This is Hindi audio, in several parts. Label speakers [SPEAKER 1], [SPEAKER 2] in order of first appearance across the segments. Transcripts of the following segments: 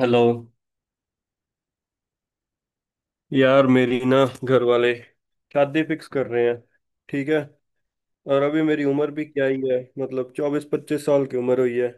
[SPEAKER 1] हेलो यार, मेरी ना घर वाले शादी फिक्स कर रहे हैं, ठीक है। और अभी मेरी उम्र भी क्या ही है, मतलब 24-25 साल की उम्र हुई है।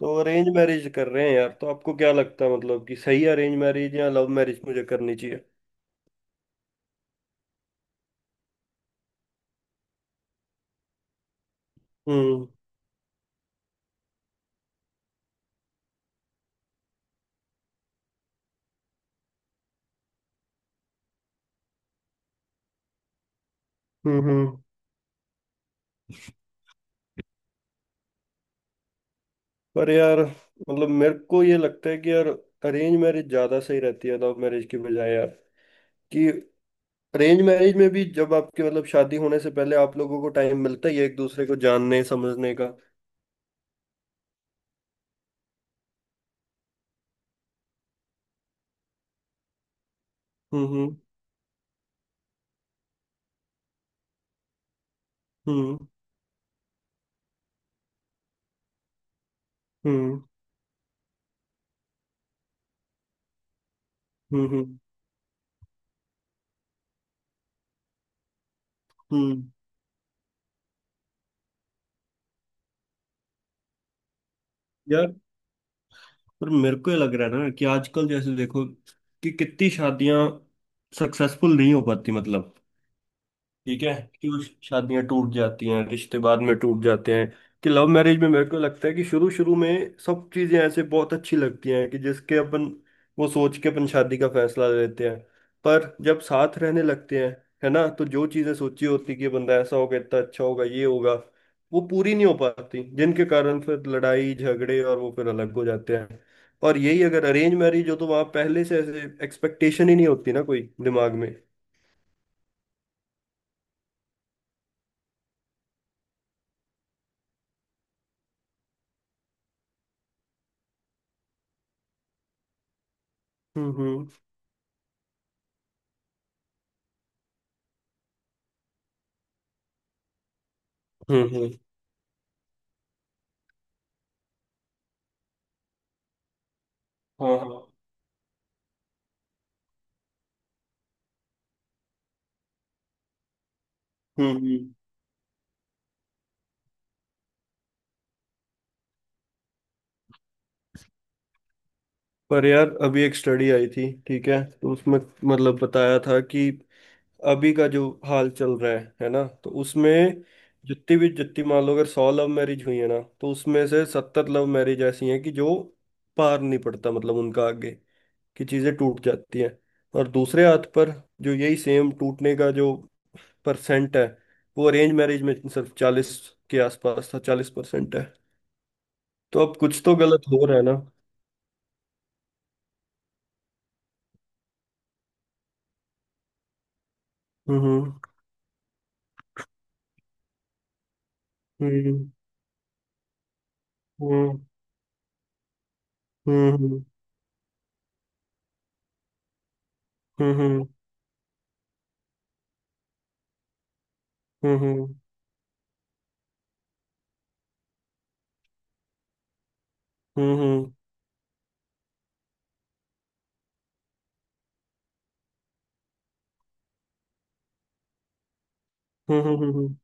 [SPEAKER 1] तो अरेंज मैरिज कर रहे हैं यार, तो आपको क्या लगता है मतलब कि सही अरेंज मैरिज या लव मैरिज मुझे करनी चाहिए? हम्म हम्म हम्म। पर यार, मतलब मेरे को ये लगता है कि यार अरेंज मैरिज ज्यादा सही रहती है लव मैरिज की बजाय यार, कि अरेंज मैरिज में भी जब आपके मतलब शादी होने से पहले आप लोगों को टाइम मिलता ही है एक दूसरे को जानने समझने का। हम्म हम्म हम्म हम्म हम्म हम्म हम्म। यार पर मेरे को ये लग रहा है ना कि आजकल जैसे देखो कि कितनी शादियां सक्सेसफुल नहीं हो पाती मतलब, ठीक है, क्यों शादियां टूट जाती हैं, रिश्ते बाद में टूट जाते हैं। कि लव मैरिज में मेरे को लगता है कि शुरू शुरू में सब चीजें ऐसे बहुत अच्छी लगती हैं कि जिसके अपन वो सोच के अपन शादी का फैसला लेते हैं, पर जब साथ रहने लगते हैं है ना, तो जो चीजें सोची होती कि ये बंदा ऐसा होगा, इतना अच्छा होगा, ये होगा, वो पूरी नहीं हो पाती जिनके कारण फिर लड़ाई झगड़े और वो फिर अलग हो जाते हैं। और यही अगर अरेंज मैरिज हो तो वहां पहले से ऐसे एक्सपेक्टेशन ही नहीं होती ना कोई दिमाग में। हम्म हम्म हम्म हाँ हाँ हम्म हम्म। पर यार अभी एक स्टडी आई थी, ठीक है, तो उसमें मतलब बताया था कि अभी का जो हाल चल रहा है ना, तो उसमें जितनी मान लो अगर 100 लव मैरिज हुई है ना, तो उसमें से 70 लव मैरिज ऐसी हैं कि जो पार नहीं पड़ता मतलब उनका आगे, कि चीजें टूट जाती हैं। और दूसरे हाथ पर जो यही सेम टूटने का जो परसेंट है वो अरेंज मैरिज में सिर्फ 40 के आसपास था, 40% है। तो अब कुछ तो गलत हो रहा है ना। हम्म हम्म हम्म। हम्म हम्म हम्म हम्म हम्म हम्म हम्म।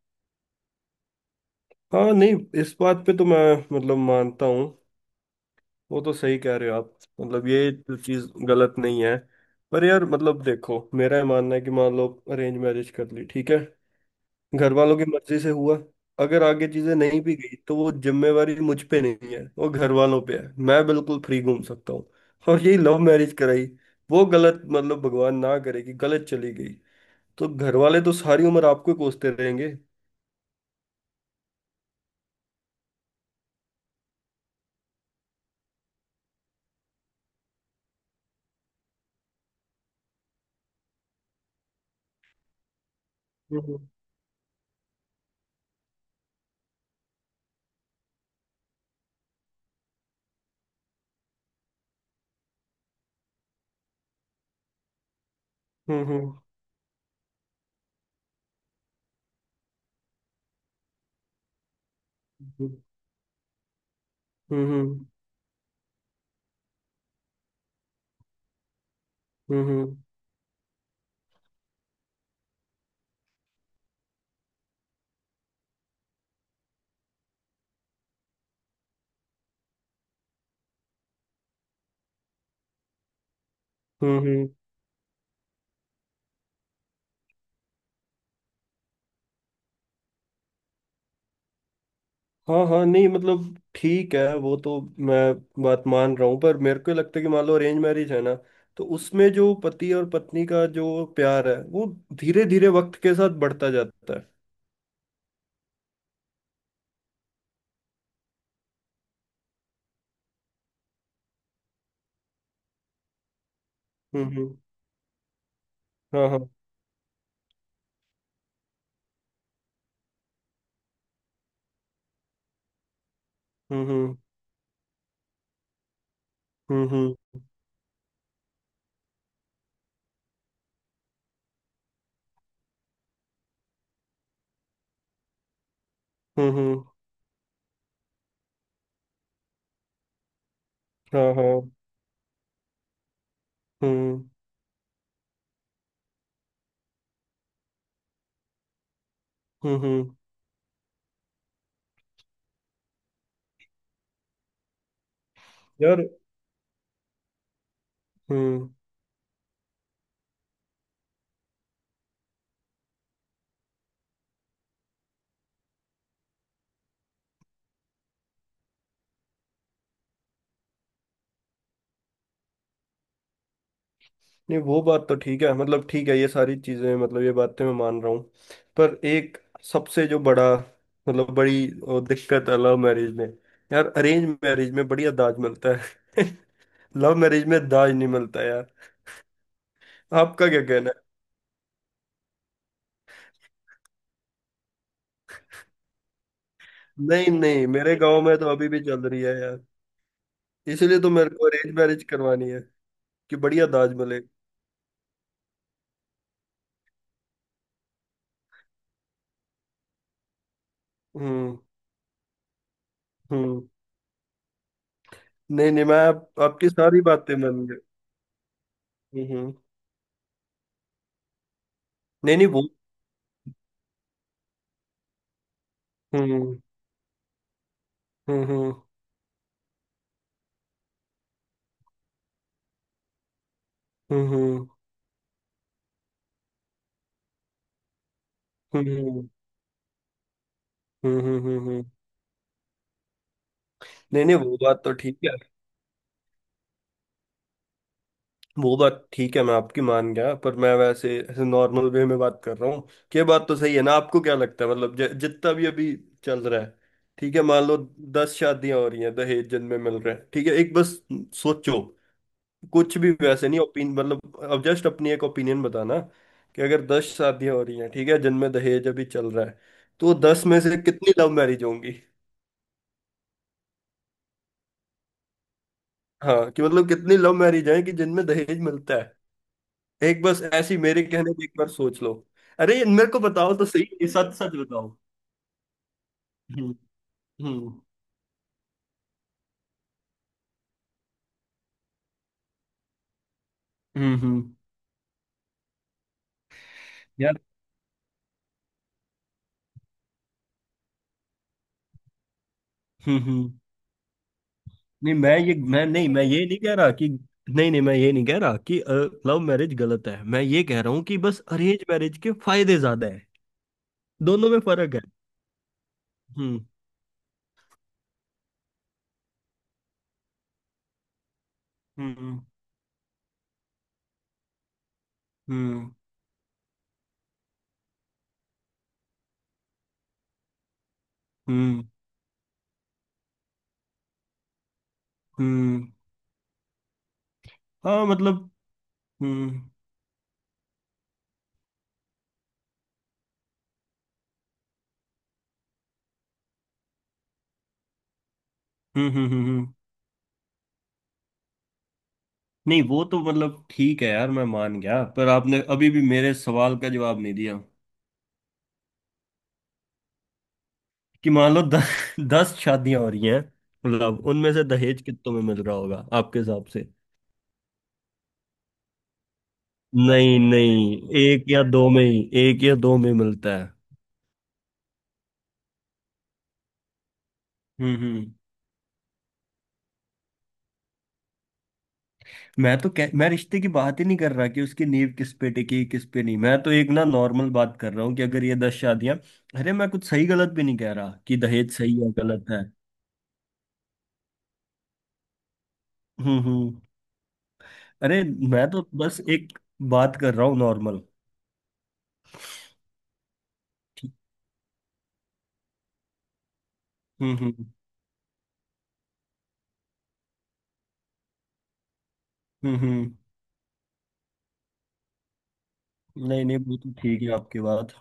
[SPEAKER 1] हाँ नहीं, इस बात पे तो मैं मतलब मानता हूँ, वो तो सही कह रहे हो आप, मतलब ये तो चीज गलत नहीं है। पर यार मतलब देखो मेरा ये मानना है कि मान लो अरेंज मैरिज कर ली, ठीक है, घर वालों की मर्जी से हुआ, अगर आगे चीजें नहीं भी गई तो वो जिम्मेवारी मुझ पे नहीं है, वो घर वालों पे है, मैं बिल्कुल फ्री घूम सकता हूँ। और यही लव मैरिज कराई, वो गलत मतलब भगवान ना करे कि गलत चली गई, तो घर वाले तो सारी उम्र आपको ही कोसते रहेंगे। हम्म हम्म हम्म हम्म हम्म हम्म हम्म हम्म। हाँ हाँ नहीं मतलब ठीक है वो तो, मैं बात मान रहा हूँ, पर मेरे को लगता है कि मान लो अरेंज मैरिज है ना, तो उसमें जो पति और पत्नी का जो प्यार है वो धीरे धीरे वक्त के साथ बढ़ता जाता है। हम्म हम्म हाँ हाँ हम्म हम्म हम्म हम्म हम्म हम्म, हाँ हाँ हम्म हम्म हम्म यार हम्म। नहीं वो बात तो ठीक है, मतलब ठीक है, ये सारी चीजें मतलब ये बातें मैं मान रहा हूँ, पर एक सबसे जो बड़ा मतलब बड़ी दिक्कत है लव मैरिज में। यार अरेंज मैरिज में बढ़िया दाज मिलता है लव मैरिज में दाज नहीं मिलता यार। आपका क्या कहना है? नहीं नहीं मेरे गांव में तो अभी भी चल रही है यार, इसीलिए तो मेरे को अरेंज मैरिज करवानी है कि बढ़िया दाज मिले। हम्म हम्म। नहीं नहीं मैं आपकी सारी बातें मान गया। हम्म। नहीं नहीं वो। हम्म हम्म हम्म हम्म हम्म हम्म हम्म हम्म हम्म हम्म। नहीं नहीं वो बात तो ठीक है, वो बात ठीक है, मैं आपकी मान गया, पर मैं वैसे ऐसे नॉर्मल वे में बात कर रहा हूँ। ये बात तो सही है ना? आपको क्या लगता है मतलब जितना भी अभी चल रहा है, ठीक है, मान लो 10 शादियां हो रही हैं दहेज जिनमें मिल रहे हैं, ठीक है, एक बस सोचो, कुछ भी वैसे नहीं ओपिन मतलब अब जस्ट अपनी एक ओपिनियन बताना कि अगर 10 शादियां हो रही हैं, ठीक है, जिनमें दहेज अभी चल रहा है, तो 10 में से कितनी लव मैरिज होंगी? हाँ कि मतलब कितनी लव मैरिज हैं कि जिनमें दहेज मिलता है, एक बस ऐसी मेरे कहने पे एक बार सोच लो। अरे ये मेरे को बताओ तो सही, ये सच सच बताओ। हम्म हम्म हम्म हम्म, यार हम्म। नहीं, मैं नहीं मैं ये नहीं कह रहा कि, नहीं नहीं, मैं ये नहीं कह रहा कि लव मैरिज गलत है, मैं ये कह रहा हूँ कि बस अरेंज मैरिज के फायदे ज्यादा हैं, दोनों में फर्क है। हम्म हम्म हम्म हम्म हम्म हाँ मतलब हम्म हम्म हम्म हम्म हम्म। नहीं वो तो मतलब ठीक है यार मैं मान गया, पर आपने अभी भी मेरे सवाल का जवाब नहीं दिया कि मान लो 10 शादियां हो रही हैं, मतलब उनमें से दहेज कितनों में मिल रहा होगा आपके हिसाब से? नहीं नहीं एक या दो में ही, एक या दो में मिलता है। हम्म। मैं रिश्ते की बात ही नहीं कर रहा कि उसकी नींव किस पे टिकी किस पे नहीं, मैं तो एक ना नॉर्मल बात कर रहा हूँ कि अगर ये 10 शादियां, अरे मैं कुछ सही गलत भी नहीं कह रहा कि दहेज सही है गलत है। हम्म। अरे मैं तो बस एक बात कर रहा हूँ नॉर्मल। हम्म हम्म हम्म। नहीं नहीं वो तो ठीक है आपकी बात,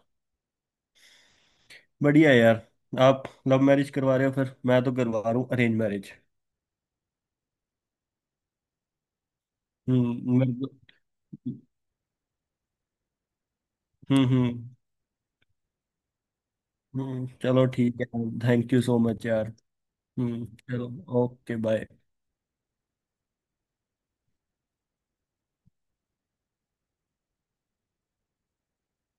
[SPEAKER 1] बढ़िया है यार। आप लव मैरिज करवा रहे हो, फिर मैं तो करवा रहा हूँ अरेंज मैरिज। मेरे को हम्म हम्म चलो ठीक है। थैंक यू सो मच यार। हम्म चलो, ओके बाय।